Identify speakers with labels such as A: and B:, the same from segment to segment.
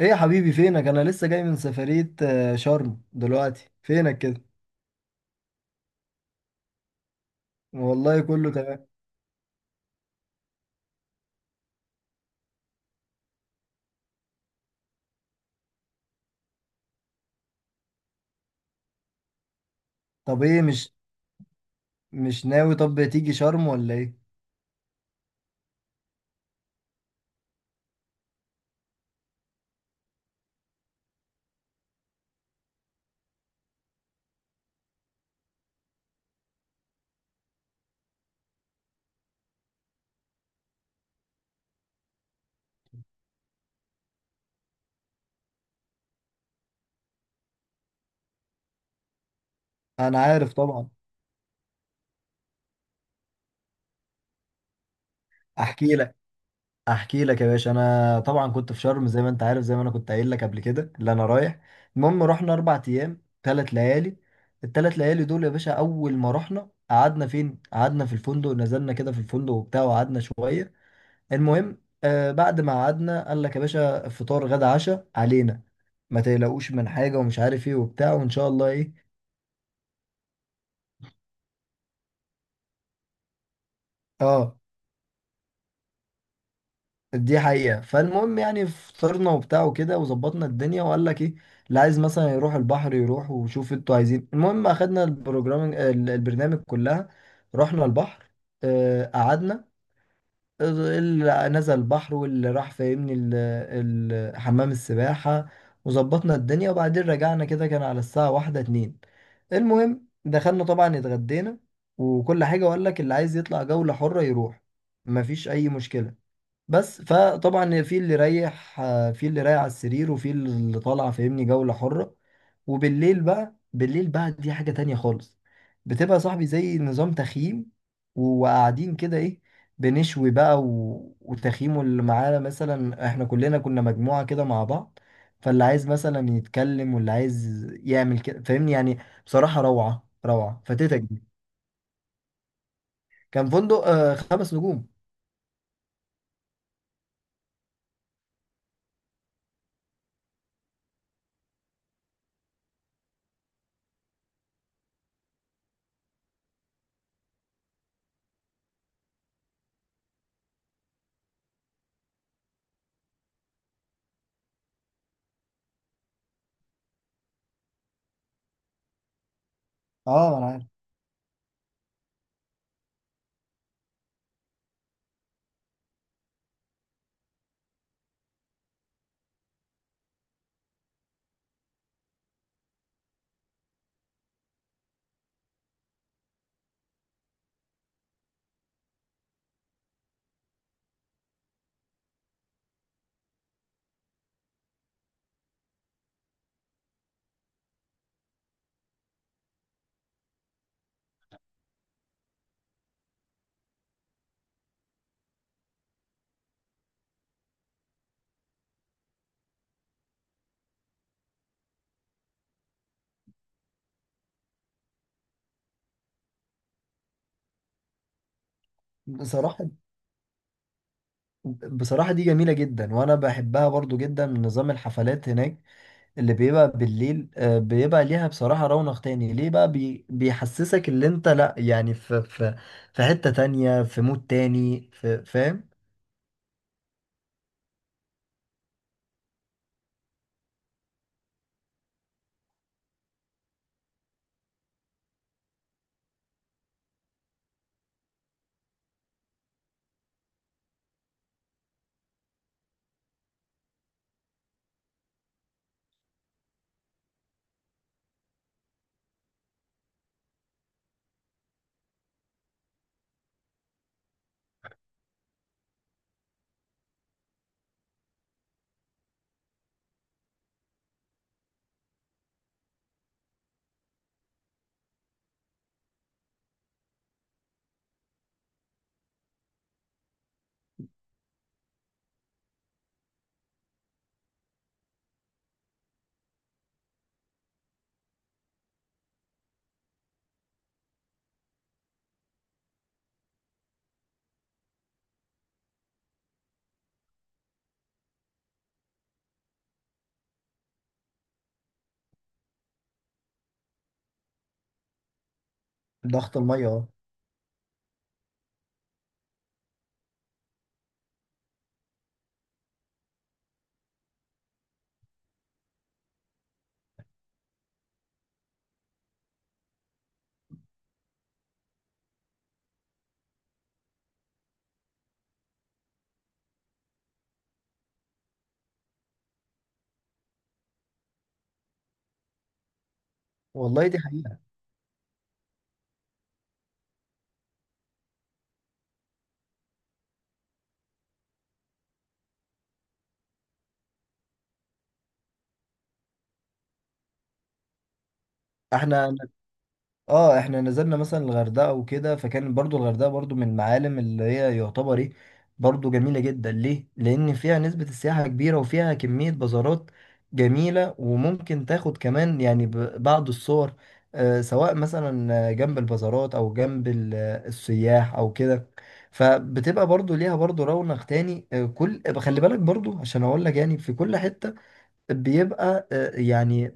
A: ايه يا حبيبي فينك؟ انا لسه جاي من سفرية، شرم. دلوقتي فينك كده؟ والله كله تمام. طب ايه، مش ناوي؟ طب تيجي شرم ولا ايه؟ انا عارف طبعا. احكي لك احكي لك يا باشا، انا طبعا كنت في شرم زي ما انت عارف، زي ما انا كنت قايل لك قبل كده اللي انا رايح. المهم رحنا اربع ايام ثلاث ليالي. الثلاث ليالي دول يا باشا، اول ما رحنا قعدنا فين؟ قعدنا في الفندق، نزلنا كده في الفندق وبتاع وقعدنا شوية. المهم، بعد ما قعدنا قال لك يا باشا فطار غدا عشاء علينا، ما تقلقوش من حاجه ومش عارف ايه وبتاع وان شاء الله ايه. اه، دي حقيقه. فالمهم يعني فطرنا وبتاع وكده وظبطنا الدنيا، وقال لك ايه، اللي عايز مثلا يروح البحر يروح، وشوف انتوا عايزين. المهم اخدنا البروجرام البرنامج كلها، رحنا البحر. قعدنا، اللي نزل البحر واللي راح، فاهمني، حمام السباحة، وظبطنا الدنيا وبعدين رجعنا كده، كان على الساعة واحدة اتنين. المهم دخلنا طبعا، اتغدينا وكل حاجة. وقال لك اللي عايز يطلع جولة حرة يروح، مفيش أي مشكلة. بس فطبعا في اللي رايح على السرير، وفي اللي طالع، فاهمني، جولة حرة. وبالليل بقى بالليل بقى دي حاجة تانية خالص. بتبقى صاحبي زي نظام تخييم وقاعدين كده ايه، بنشوي بقى و... وتخييمه. اللي معانا مثلا احنا كلنا كنا مجموعة كده مع بعض، فاللي عايز مثلا يتكلم واللي عايز يعمل كده، فاهمني يعني. بصراحة روعة روعة، فاتتك دي. كان فندق خمس نجوم. اه، انا عارف. بصراحة بصراحة دي جميلة جدا، وأنا بحبها برضو جدا من نظام الحفلات هناك. اللي بيبقى بالليل، بيبقى ليها بصراحة رونق تاني. ليه بقى؟ بيحسسك اللي أنت لأ يعني، في حتة تانية، في مود تاني، في، فاهم؟ ضغط المية، اه. والله دي حقيقة. احنا اه احنا نزلنا مثلا الغردقه وكده، فكان برضو الغردقه برضو من المعالم اللي هي يعتبر ايه. برضو جميله جدا، ليه؟ لان فيها نسبه السياحه كبيره، وفيها كميه بازارات جميله، وممكن تاخد كمان يعني بعض الصور، سواء مثلا جنب البازارات او جنب السياح او كده. فبتبقى برضو ليها برضو رونق تاني، خلي بالك برضو، عشان اقول لك يعني في كل حته بيبقى، يعني،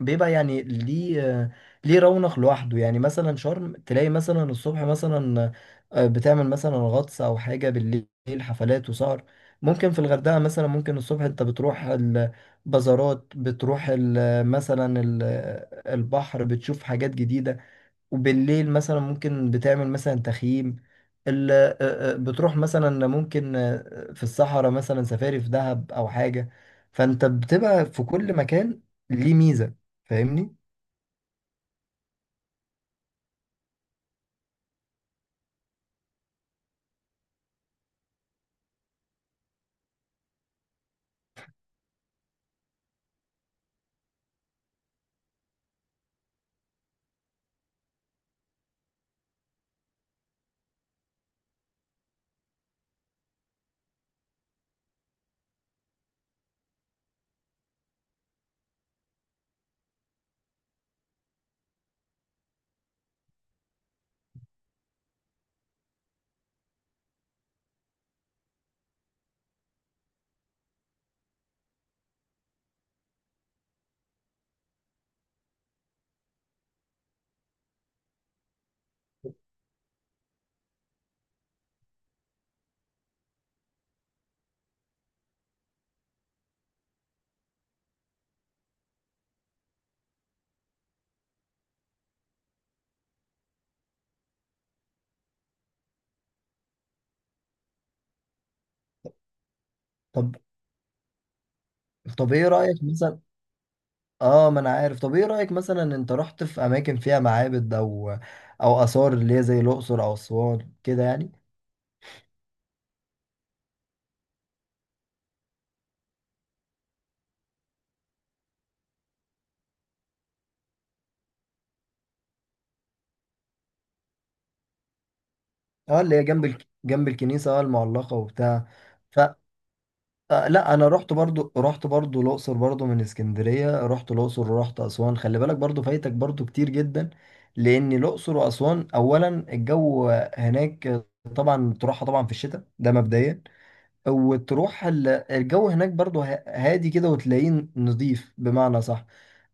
A: بيبقى يعني ليه آه، ليه رونق لوحده. يعني مثلا شرم تلاقي مثلا الصبح مثلا بتعمل مثلا غطس او حاجه، بالليل حفلات وسهر. ممكن في الغردقه مثلا، ممكن الصبح انت بتروح البازارات، بتروح مثلا البحر، بتشوف حاجات جديده. وبالليل مثلا ممكن بتعمل مثلا تخييم، ال- آه، بتروح مثلا ممكن في الصحراء مثلا سفاري في دهب او حاجة. فانت بتبقى في كل مكان، ليه ميزة، فاهمني. طب طب ايه رأيك مثلا، اه، ما انا عارف. طب ايه رأيك مثلا انت رحت في اماكن فيها معابد او اثار اللي هي زي الاقصر او اسوان كده يعني؟ اه، اللي هي جنب جنب الكنيسة المعلقة وبتاع. لا، انا رحت برضو الاقصر، برضو من اسكندريه رحت الاقصر ورحت اسوان. خلي بالك برضو فايتك برضو كتير جدا. لان الاقصر واسوان اولا، الجو هناك طبعا تروحها طبعا في الشتاء ده مبدئيا، وتروح الجو هناك برضو هادي كده، وتلاقيه نظيف بمعنى صح.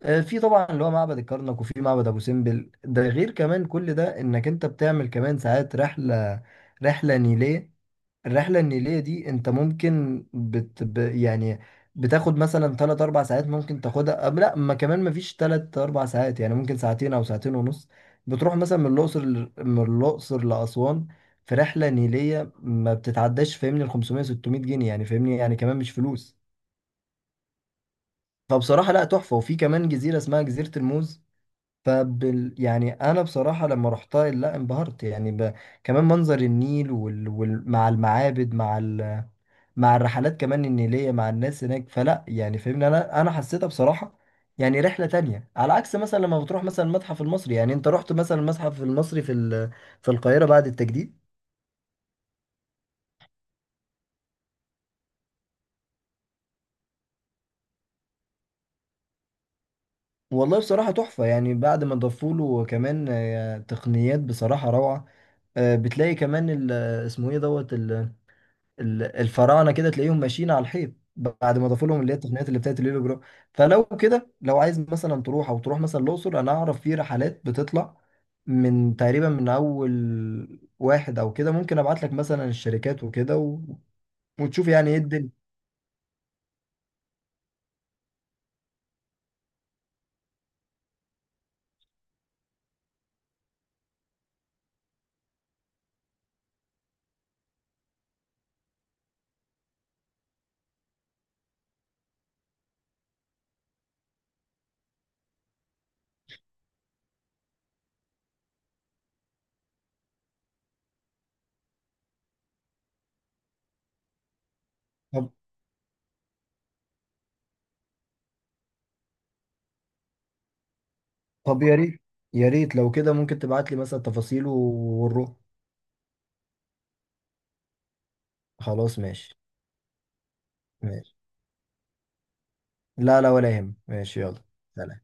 A: في طبعا اللي هو معبد الكرنك، وفي معبد ابو سمبل. ده غير كمان كل ده، انك انت بتعمل كمان ساعات رحله، رحله نيليه. الرحلة النيلية دي انت ممكن يعني بتاخد مثلا 3 4 ساعات، ممكن تاخدها لا ما كمان، ما فيش 3 4 ساعات، يعني ممكن ساعتين او ساعتين ونص. بتروح مثلا من الاقصر لاسوان، في رحلة نيلية ما بتتعداش، فاهمني، ال 500 600 جنيه يعني، فاهمني يعني، كمان مش فلوس. فبصراحة لا، تحفة. وفي كمان جزيرة اسمها جزيرة الموز. يعني انا بصراحه لما رحتها لا انبهرت يعني كمان منظر النيل مع المعابد مع الرحلات كمان النيليه، مع الناس هناك، فلا يعني فاهمني، انا حسيتها بصراحه يعني رحله تانية، على عكس مثلا لما بتروح مثلا المتحف المصري. يعني انت رحت مثلا المتحف المصري في القاهره بعد التجديد؟ والله بصراحه تحفه يعني، بعد ما ضافوا له كمان تقنيات بصراحه روعه. بتلاقي كمان اسمه ايه، دوت، الفراعنه كده تلاقيهم ماشيين على الحيط، بعد ما ضافوا لهم اللي هي التقنيات اللي بتاعت الهيلوجرام. فلو كده، لو عايز مثلا تروح مثلا الاقصر، انا اعرف في رحلات بتطلع من تقريبا من اول واحد او كده. ممكن ابعت لك مثلا الشركات وكده وتشوف يعني ايه الدنيا. طب طب يا ريت، لو كده ممكن تبعت لي مثلا تفاصيله ونروح. خلاص ماشي. ماشي، لا لا، ولا يهم، ماشي يلا. سلام.